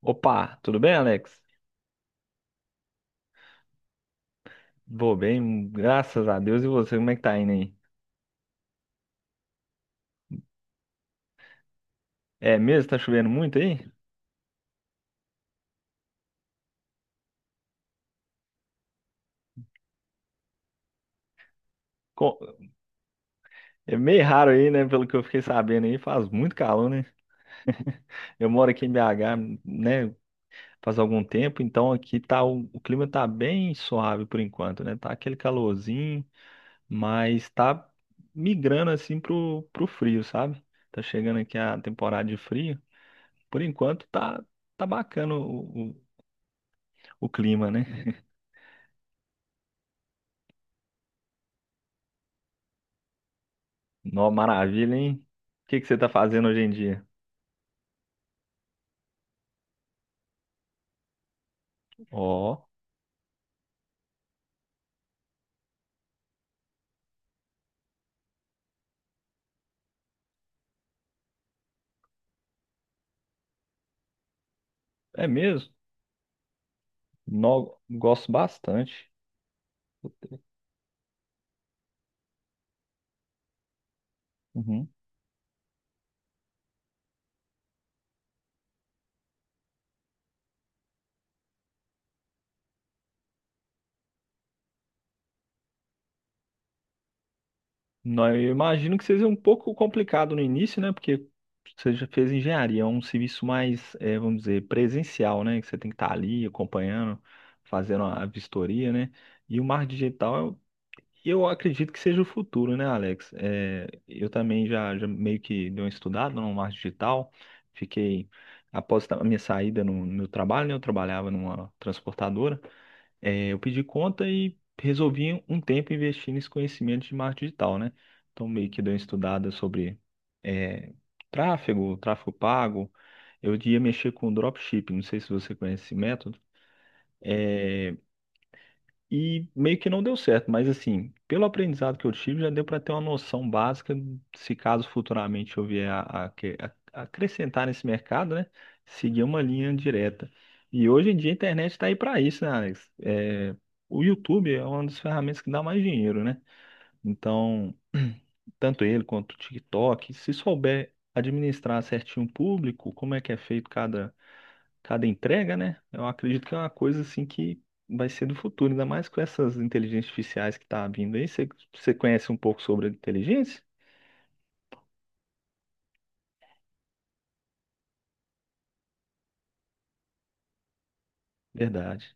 Opa, tudo bem, Alex? Vou bem, graças a Deus. E você, como é que tá indo aí? É mesmo? Tá chovendo muito aí? Co- É meio raro aí, né? Pelo que eu fiquei sabendo aí, faz muito calor, né? Eu moro aqui em BH, né? Faz algum tempo, então aqui tá o clima tá bem suave por enquanto, né? Tá aquele calorzinho, mas tá migrando assim pro frio, sabe? Tá chegando aqui a temporada de frio. Por enquanto tá bacana o clima, né? Nó, maravilha, hein? O que que você tá fazendo hoje em dia? Ó, é mesmo? Nó, gosto bastante. Uhum. Nó, eu imagino que seja um pouco complicado no início, né? Porque você já fez engenharia, é um serviço mais, vamos dizer, presencial, né? Que você tem que estar ali acompanhando, fazendo a vistoria, né? E o marketing digital eu acredito que seja o futuro, né, Alex? É, eu também já meio que dei uma estudada no marketing digital. Fiquei, após a minha saída no meu trabalho, né, eu trabalhava numa transportadora. É, eu pedi conta e resolvi um tempo investir nesse conhecimento de marketing digital, né? Então, meio que dei uma estudada sobre é, tráfego pago. Eu ia mexer com dropshipping, não sei se você conhece esse método. E meio que não deu certo, mas assim, pelo aprendizado que eu tive, já deu para ter uma noção básica, se caso futuramente eu vier a acrescentar nesse mercado, né? Seguir uma linha direta. E hoje em dia a internet está aí para isso, né, Alex? É, o YouTube é uma das ferramentas que dá mais dinheiro, né? Então, tanto ele quanto o TikTok, se souber administrar certinho o público, como é que é feito cada entrega, né? Eu acredito que é uma coisa assim que vai ser do futuro, ainda mais com essas inteligências artificiais que tá vindo aí. Você conhece um pouco sobre a inteligência? Verdade.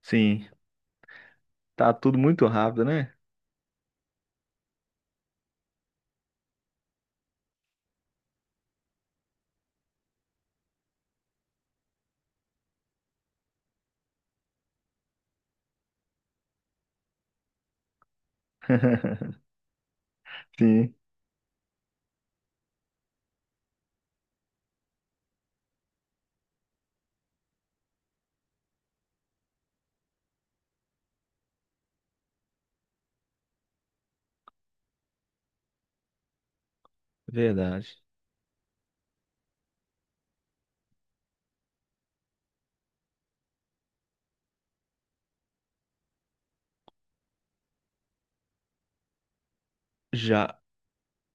Sim, tá tudo muito rápido, né? Sim, verdade. Já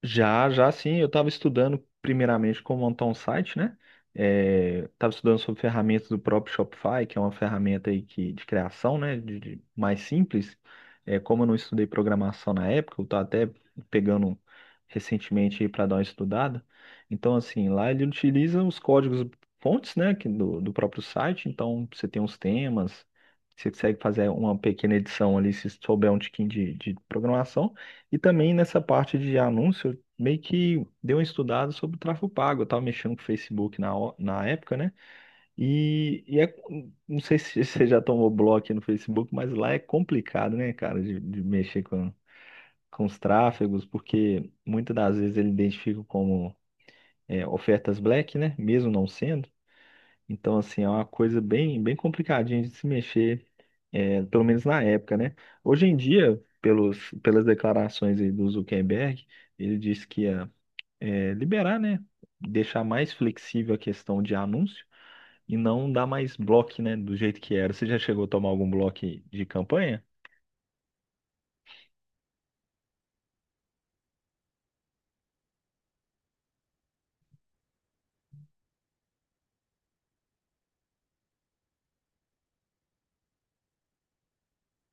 já, sim, eu estava estudando primeiramente como montar um site, né? É, estava estudando sobre ferramentas do próprio Shopify, que é uma ferramenta aí que, de criação, né? Mais simples. É, como eu não estudei programação na época, eu estou até pegando recentemente aí para dar uma estudada. Então, assim, lá ele utiliza os códigos fontes, né? Que do próprio site. Então, você tem os temas, você consegue fazer uma pequena edição ali se souber um tiquinho de programação. E também nessa parte de anúncios meio que dei uma estudada sobre o tráfego pago. Eu tava mexendo com o Facebook na, na época, né? E, e é, não sei se você já tomou bloco no Facebook, mas lá é complicado, né, cara, de mexer com os tráfegos, porque muitas das vezes ele identifica como ofertas black, né? Mesmo não sendo. Então, assim, é uma coisa bem, bem complicadinha de se mexer, pelo menos na época, né? Hoje em dia, pelas declarações aí do Zuckerberg, ele disse que ia liberar, né? Deixar mais flexível a questão de anúncio e não dar mais bloco, né? Do jeito que era. Você já chegou a tomar algum bloco de campanha?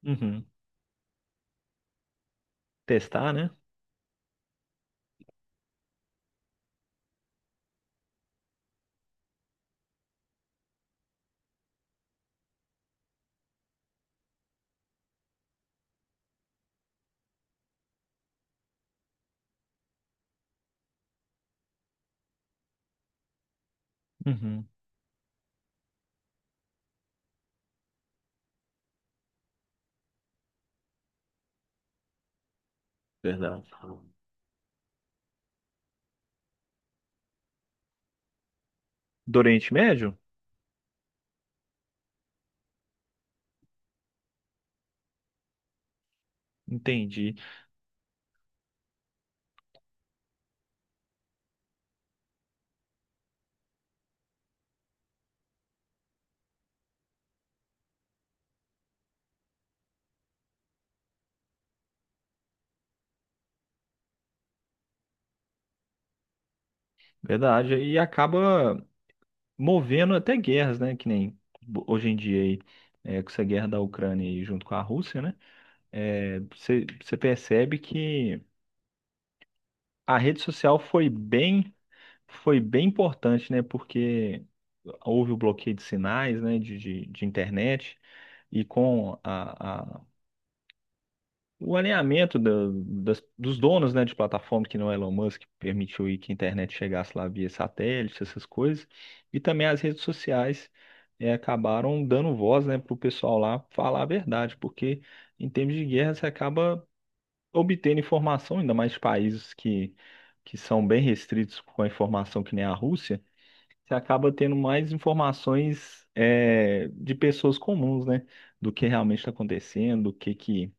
Uhum. Testar, né? Uhum. Verdade. Do Oriente Médio? Entendi. Verdade. E acaba movendo até guerras, né? Que nem hoje em dia aí, é, com essa guerra da Ucrânia aí junto com a Rússia, né? É, você percebe que a rede social foi bem. Foi bem importante, né? Porque houve o bloqueio de sinais, né? De internet e com o alinhamento dos donos, né? De plataforma que não é Elon Musk permitiu aí que a internet chegasse lá via satélite, essas coisas e também as redes sociais acabaram dando voz, né? Para o pessoal lá falar a verdade, porque em termos de guerra você acaba obtendo informação, ainda mais de países que são bem restritos com a informação que nem a Rússia você acaba tendo mais informações de pessoas comuns, né? Do que realmente está acontecendo, do que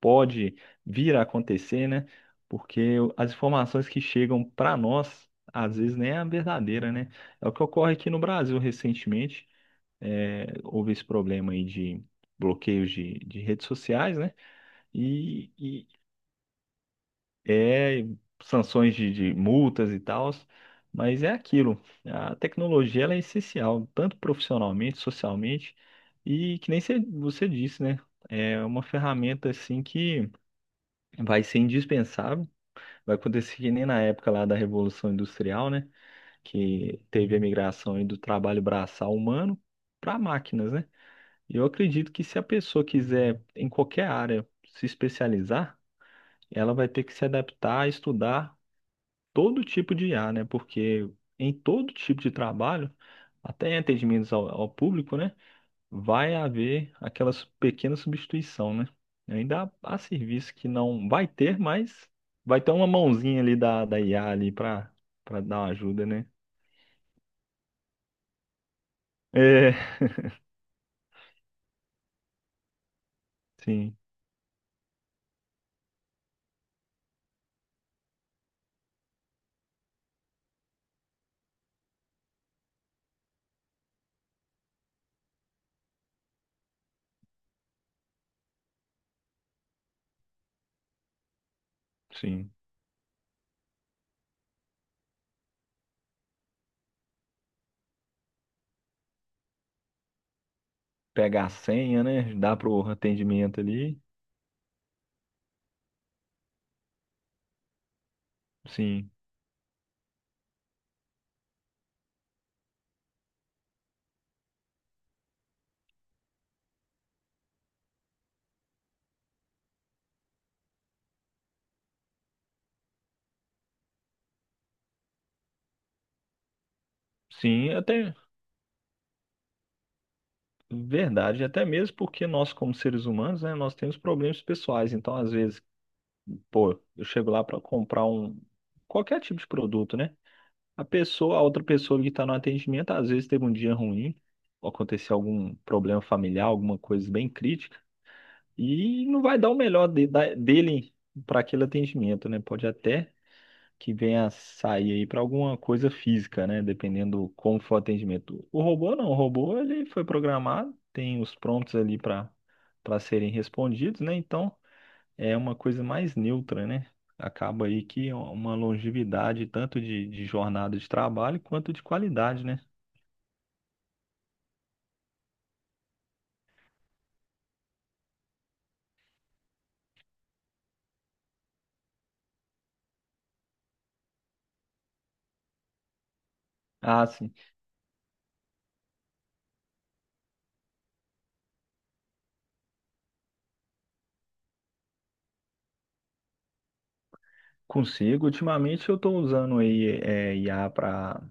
pode vir a acontecer, né? Porque as informações que chegam para nós, às vezes nem é a verdadeira, né? É o que ocorre aqui no Brasil recentemente. É, houve esse problema aí de bloqueios de redes sociais, né? E, e sanções de multas e tal, mas é aquilo. A tecnologia ela é essencial, tanto profissionalmente, socialmente, e que nem você disse, né? É uma ferramenta assim que vai ser indispensável. Vai acontecer que nem na época lá da Revolução Industrial, né? Que teve a migração aí do trabalho braçal humano para máquinas, né? E eu acredito que se a pessoa quiser, em qualquer área, se especializar, ela vai ter que se adaptar, estudar todo tipo de IA, né? Porque em todo tipo de trabalho, até em atendimentos ao público, né? Vai haver aquela pequena substituição, né? Ainda há serviço que não vai ter, mas vai ter uma mãozinha ali da IA ali para dar uma ajuda, né? É, sim, sim. Pegar a senha, né? Dá pro atendimento ali. Sim, sim, até verdade, até mesmo porque nós, como seres humanos, né, nós temos problemas pessoais, então às vezes pô, eu chego lá para comprar um qualquer tipo de produto, né? A pessoa, a outra pessoa que está no atendimento, às vezes teve um dia ruim, ou aconteceu algum problema familiar, alguma coisa bem crítica, e não vai dar o melhor dele para aquele atendimento, né? Pode até que venha a sair aí para alguma coisa física, né? Dependendo como for o atendimento. O robô não, o robô ele foi programado, tem os prompts ali para serem respondidos, né? Então é uma coisa mais neutra, né? Acaba aí que é uma longevidade tanto de jornada de trabalho quanto de qualidade, né? Ah, sim, consigo. Ultimamente eu estou usando aí IA para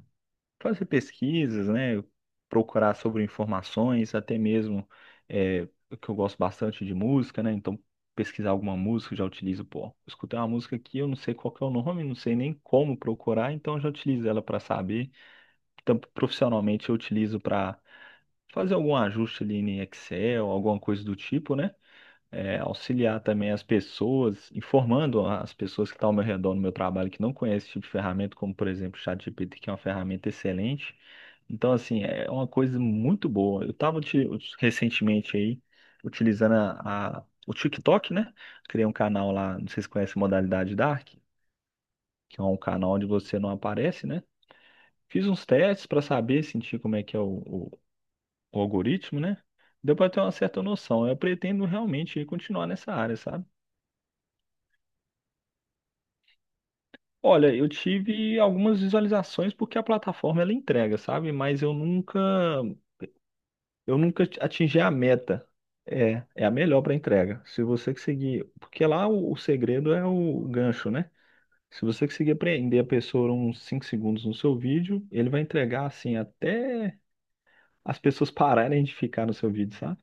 fazer pesquisas, né? Procurar sobre informações, até mesmo é, que eu gosto bastante de música, né? Então pesquisar alguma música, eu já utilizo, pô, escutei uma música aqui, eu não sei qual que é o nome, não sei nem como procurar, então eu já utilizo ela para saber. Então, profissionalmente eu utilizo para fazer algum ajuste ali em Excel, alguma coisa do tipo, né? É, auxiliar também as pessoas, informando as pessoas que estão ao meu redor no meu trabalho que não conhecem esse tipo de ferramenta, como por exemplo o ChatGPT, que é uma ferramenta excelente. Então, assim, é uma coisa muito boa. Eu estava recentemente aí utilizando o TikTok, né? Criei um canal lá, não sei se conhece a modalidade Dark, que é um canal onde você não aparece, né? Fiz uns testes para saber, sentir como é que é o algoritmo, né? Deu para ter uma certa noção. Eu pretendo realmente continuar nessa área, sabe? Olha, eu tive algumas visualizações porque a plataforma ela entrega, sabe? Mas eu nunca atingi a meta. É, é a melhor para entrega. Se você seguir, porque lá o segredo é o gancho, né? Se você conseguir prender a pessoa uns 5 segundos no seu vídeo, ele vai entregar assim até as pessoas pararem de ficar no seu vídeo, sabe?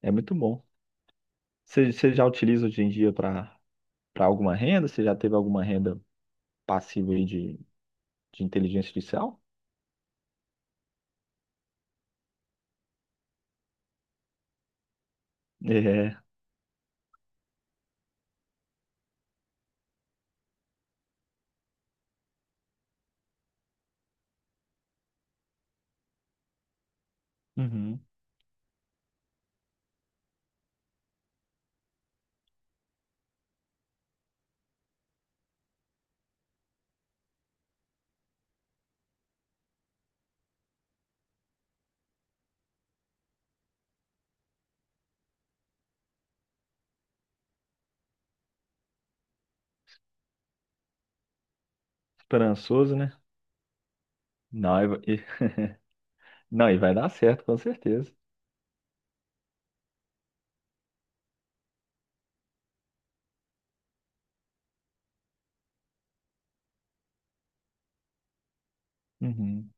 É muito bom. Você já utiliza hoje em dia para alguma renda? Você já teve alguma renda passiva aí de inteligência artificial? É, uhum. Esperançoso, né? Não, não, e vai dar certo, com certeza. Uhum.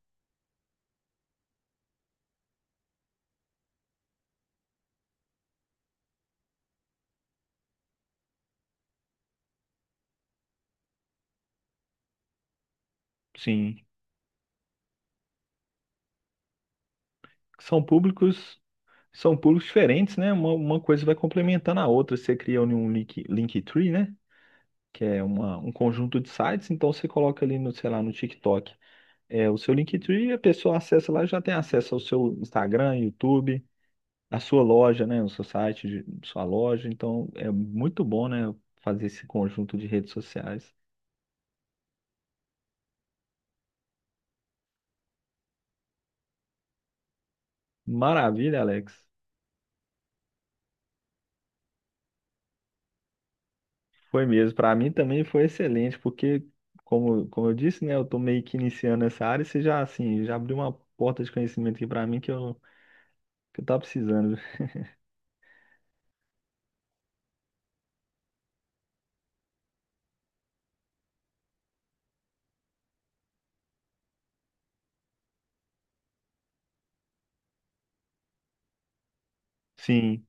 Sim. São públicos, são públicos diferentes, né? Uma coisa vai complementando a outra. Você cria um link, Linktree, né? Que é um conjunto de sites, então você coloca ali no, sei lá, no TikTok. É, o seu Linktree, a pessoa acessa lá e já tem acesso ao seu Instagram, YouTube. Na sua loja, né, no seu site, sua loja. Então é muito bom, né, fazer esse conjunto de redes sociais. Maravilha, Alex. Foi mesmo. Para mim também foi excelente, porque como eu disse, né, eu tô meio que iniciando essa área e você já assim, já abriu uma porta de conhecimento aqui para mim que eu tava precisando. Sim.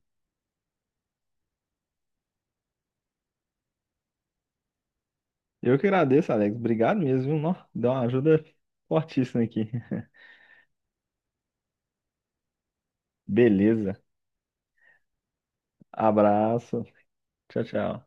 Eu que agradeço, Alex. Obrigado mesmo, viu? Nó, deu uma ajuda fortíssima aqui. Beleza. Abraço. Tchau, tchau.